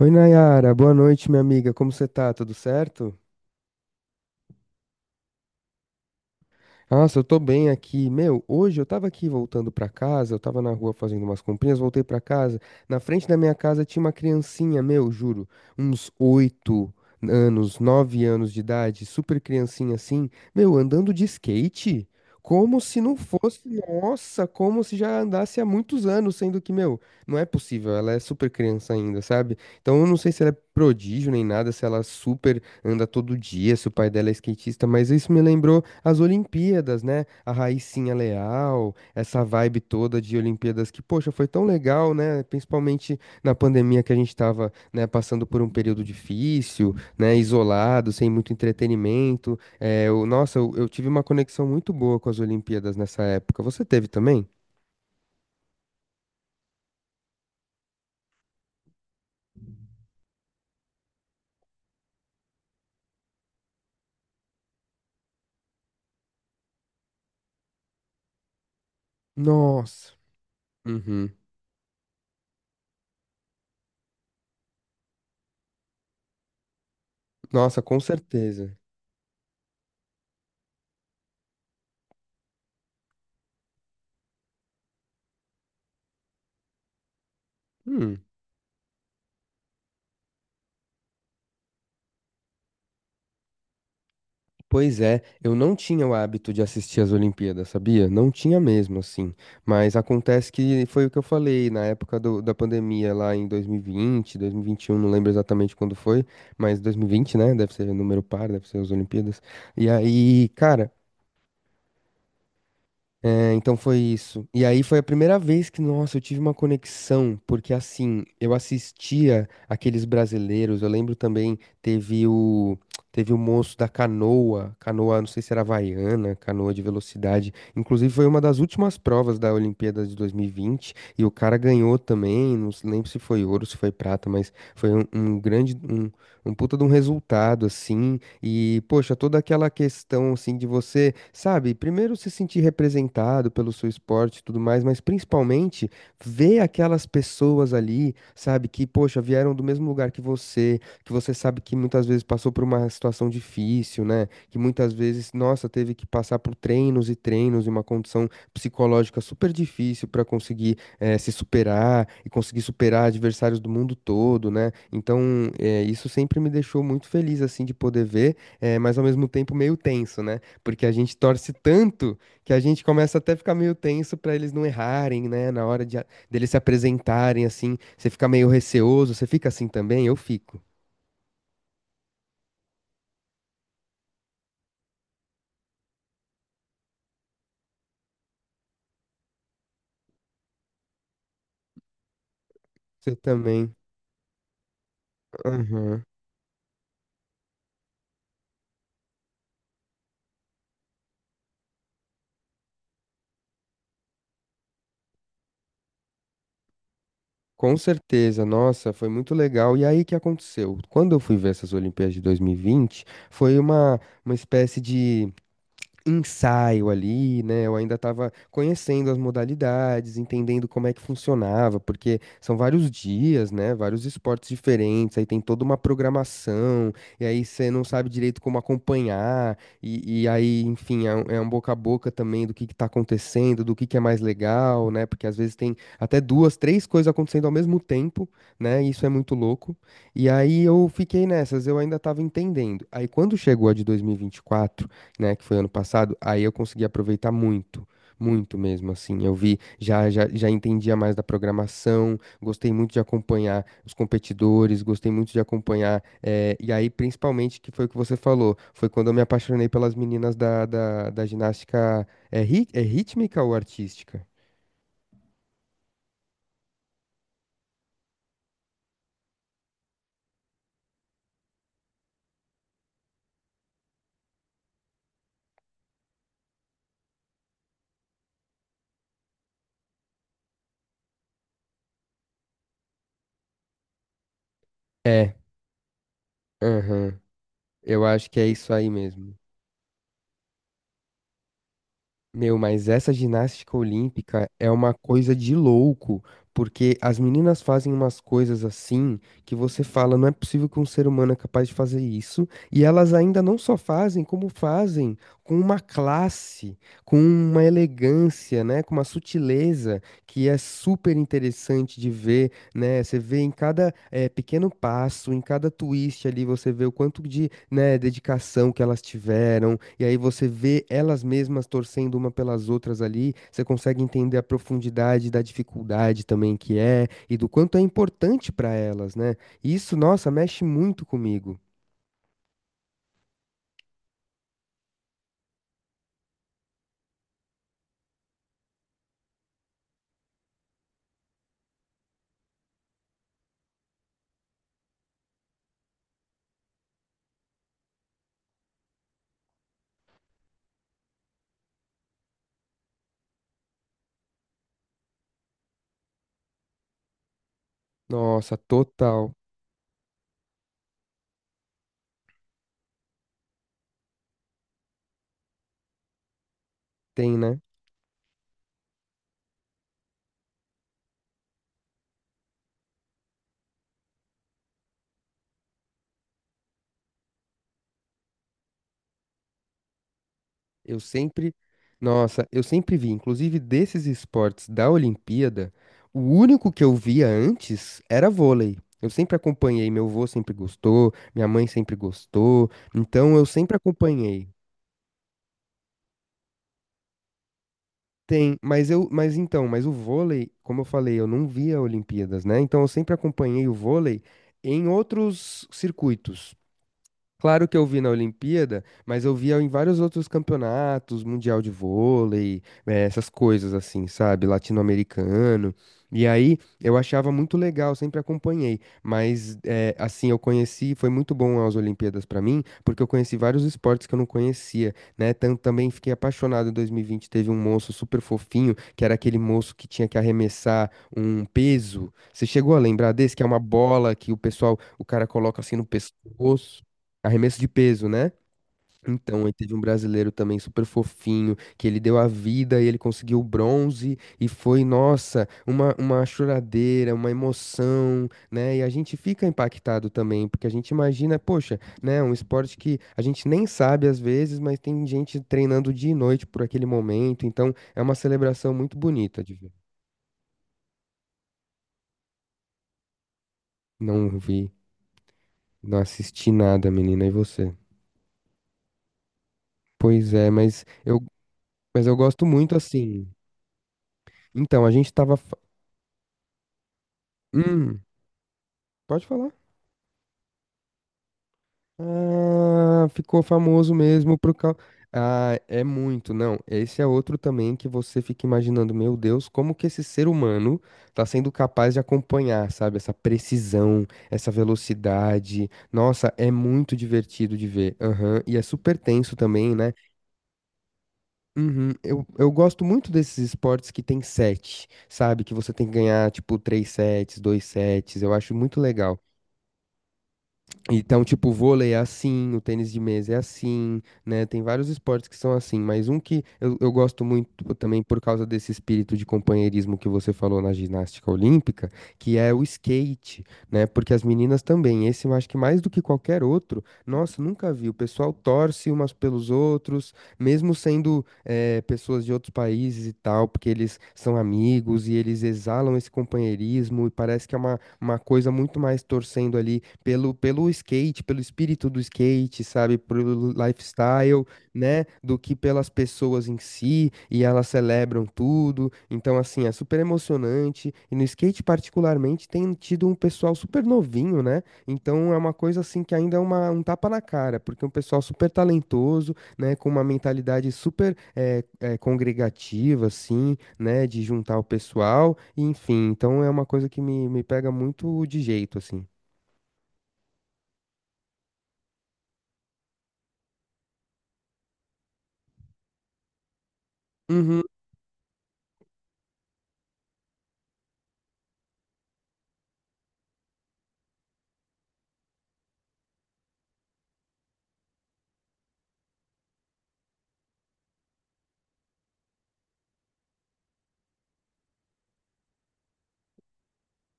Oi, Nayara, boa noite, minha amiga. Como você tá? Tudo certo? Nossa, eu tô bem aqui. Meu, hoje eu tava aqui voltando pra casa, eu tava na rua fazendo umas comprinhas, voltei pra casa. Na frente da minha casa tinha uma criancinha, meu, juro, uns oito anos, nove anos de idade, super criancinha assim, meu, andando de skate. Como se não fosse, nossa, como se já andasse há muitos anos, sendo que, meu, não é possível, ela é super criança ainda, sabe? Então eu não sei se ela é prodígio nem nada, se ela é super anda todo dia, se o pai dela é skatista, mas isso me lembrou as Olimpíadas, né? A Raicinha Leal, essa vibe toda de Olimpíadas que, poxa, foi tão legal, né? Principalmente na pandemia que a gente tava, né, passando por um período difícil, né, isolado, sem muito entretenimento. É, nossa, eu tive uma conexão muito boa com as Olimpíadas nessa época. Você teve também? Nossa. Uhum. Nossa, com certeza. Hum. Pois é, eu não tinha o hábito de assistir as Olimpíadas, sabia? Não tinha mesmo, assim. Mas acontece que foi o que eu falei na época da pandemia, lá em 2020, 2021, não lembro exatamente quando foi, mas 2020, né? Deve ser número par, deve ser as Olimpíadas. E aí, cara, é, então foi isso. E aí foi a primeira vez que, nossa, eu tive uma conexão, porque assim, eu assistia aqueles brasileiros, eu lembro também, teve o moço da canoa, canoa, não sei se era havaiana, canoa de velocidade. Inclusive foi uma das últimas provas da Olimpíada de 2020 e vinte, e o cara ganhou também, não lembro se foi ouro, se foi prata, mas foi um grande um puta de um resultado assim. E, poxa, toda aquela questão, assim, de você, sabe, primeiro se sentir representado pelo seu esporte e tudo mais, mas principalmente ver aquelas pessoas ali, sabe, que, poxa, vieram do mesmo lugar que você sabe que muitas vezes passou por uma situação difícil, né? Que muitas vezes, nossa, teve que passar por treinos e treinos e uma condição psicológica super difícil para conseguir se superar e conseguir superar adversários do mundo todo, né? Então, isso sempre me deixou muito feliz, assim, de poder ver, mas ao mesmo tempo meio tenso, né? Porque a gente torce tanto que a gente começa até a ficar meio tenso para eles não errarem, né? Na hora de, deles se apresentarem, assim, você fica meio receoso, você fica assim também? Eu fico. Você também. Aham. Com certeza, nossa, foi muito legal. E aí, o que aconteceu? Quando eu fui ver essas Olimpíadas de 2020, foi uma espécie de ensaio ali, né? Eu ainda estava conhecendo as modalidades, entendendo como é que funcionava, porque são vários dias, né? Vários esportes diferentes, aí tem toda uma programação, e aí você não sabe direito como acompanhar, e aí, enfim, é um boca a boca também do que tá acontecendo, do que é mais legal, né? Porque às vezes tem até duas, três coisas acontecendo ao mesmo tempo, né? Isso é muito louco. E aí eu fiquei nessas, eu ainda estava entendendo. Aí quando chegou a de 2024, né, que foi ano passado, aí eu consegui aproveitar muito, muito mesmo, assim. Eu vi, já entendia mais da programação, gostei muito de acompanhar os competidores, gostei muito de acompanhar, e aí, principalmente, que foi o que você falou, foi quando eu me apaixonei pelas meninas da ginástica, é, é rítmica ou artística? É, aham, eu acho que é isso aí mesmo. Meu, mas essa ginástica olímpica é uma coisa de louco, porque as meninas fazem umas coisas assim que você fala, não é possível que um ser humano é capaz de fazer isso, e elas ainda não só fazem, como fazem com uma classe, com uma elegância, né, com uma sutileza que é super interessante de ver, né? Você vê em cada pequeno passo, em cada twist ali, você vê o quanto de, né, dedicação que elas tiveram, e aí você vê elas mesmas torcendo uma pelas outras ali, você consegue entender a profundidade da dificuldade também que é, e do quanto é importante para elas, né? Isso, nossa, mexe muito comigo. Nossa, total. Tem, né? Eu sempre, nossa, eu sempre vi, inclusive desses esportes da Olimpíada, o único que eu via antes era vôlei. Eu sempre acompanhei, meu avô sempre gostou, minha mãe sempre gostou, então eu sempre acompanhei. Tem, mas o vôlei, como eu falei, eu não via Olimpíadas, né? Então eu sempre acompanhei o vôlei em outros circuitos. Claro que eu vi na Olimpíada, mas eu via em vários outros campeonatos, Mundial de Vôlei, essas coisas assim, sabe? Latino-americano. E aí eu achava muito legal, sempre acompanhei. Mas assim, eu conheci, foi muito bom as Olimpíadas pra mim, porque eu conheci vários esportes que eu não conhecia, né? Também fiquei apaixonado em 2020, teve um moço super fofinho, que era aquele moço que tinha que arremessar um peso. Você chegou a lembrar desse, que é uma bola que o pessoal, o cara coloca assim no pescoço? Arremesso de peso, né? Então, aí teve um brasileiro também super fofinho, que ele deu a vida e ele conseguiu o bronze, e foi, nossa, uma choradeira, uma emoção, né? E a gente fica impactado também, porque a gente imagina, poxa, né? Um esporte que a gente nem sabe às vezes, mas tem gente treinando dia e noite por aquele momento, então é uma celebração muito bonita de ver. Não vi, não assisti nada, menina, e você? Pois é, mas eu gosto muito assim. Então, a gente tava. Hum, pode falar. Ah, ficou famoso mesmo pro cal... Ah, é muito, não. Esse é outro também que você fica imaginando, meu Deus, como que esse ser humano tá sendo capaz de acompanhar, sabe? Essa precisão, essa velocidade. Nossa, é muito divertido de ver. Aham. E é super tenso também, né? Uhum. Eu gosto muito desses esportes que tem sete, sabe? Que você tem que ganhar, tipo, três sets, dois sets. Eu acho muito legal. Então, tipo, o vôlei é assim, o tênis de mesa é assim, né? Tem vários esportes que são assim, mas um que eu gosto muito também por causa desse espírito de companheirismo que você falou na ginástica olímpica, que é o skate, né? Porque as meninas também, esse eu acho que mais do que qualquer outro, nossa, nunca vi. O pessoal torce umas pelos outros, mesmo sendo pessoas de outros países e tal, porque eles são amigos e eles exalam esse companheirismo e parece que é uma coisa muito mais torcendo ali pelo skate, pelo espírito do skate, sabe, pelo lifestyle, né, do que pelas pessoas em si, e elas celebram tudo. Então, assim, é super emocionante. E no skate, particularmente, tem tido um pessoal super novinho, né? Então, é uma coisa, assim, que ainda é uma, um tapa na cara, porque é um pessoal super talentoso, né, com uma mentalidade super congregativa, assim, né, de juntar o pessoal, enfim. Então, é uma coisa que me pega muito de jeito, assim. Uhum.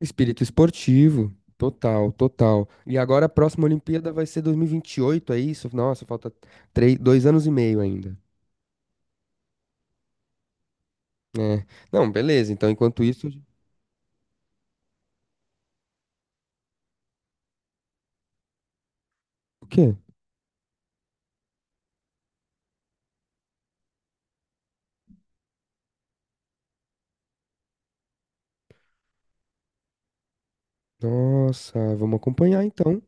Espírito esportivo, total, total. E agora a próxima Olimpíada vai ser 2028, é isso? Nossa, falta três, dois anos e meio ainda. É. Não, beleza. Então, enquanto isso, o quê? Nossa, vamos acompanhar então.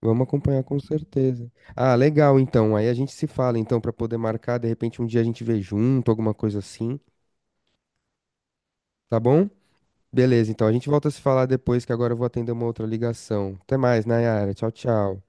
Vamos acompanhar com certeza. Ah, legal então. Aí a gente se fala então para poder marcar, de repente um dia a gente vê junto, alguma coisa assim, tá bom? Beleza, então a gente volta a se falar depois que agora eu vou atender uma outra ligação. Até mais, Nayara. Tchau, tchau.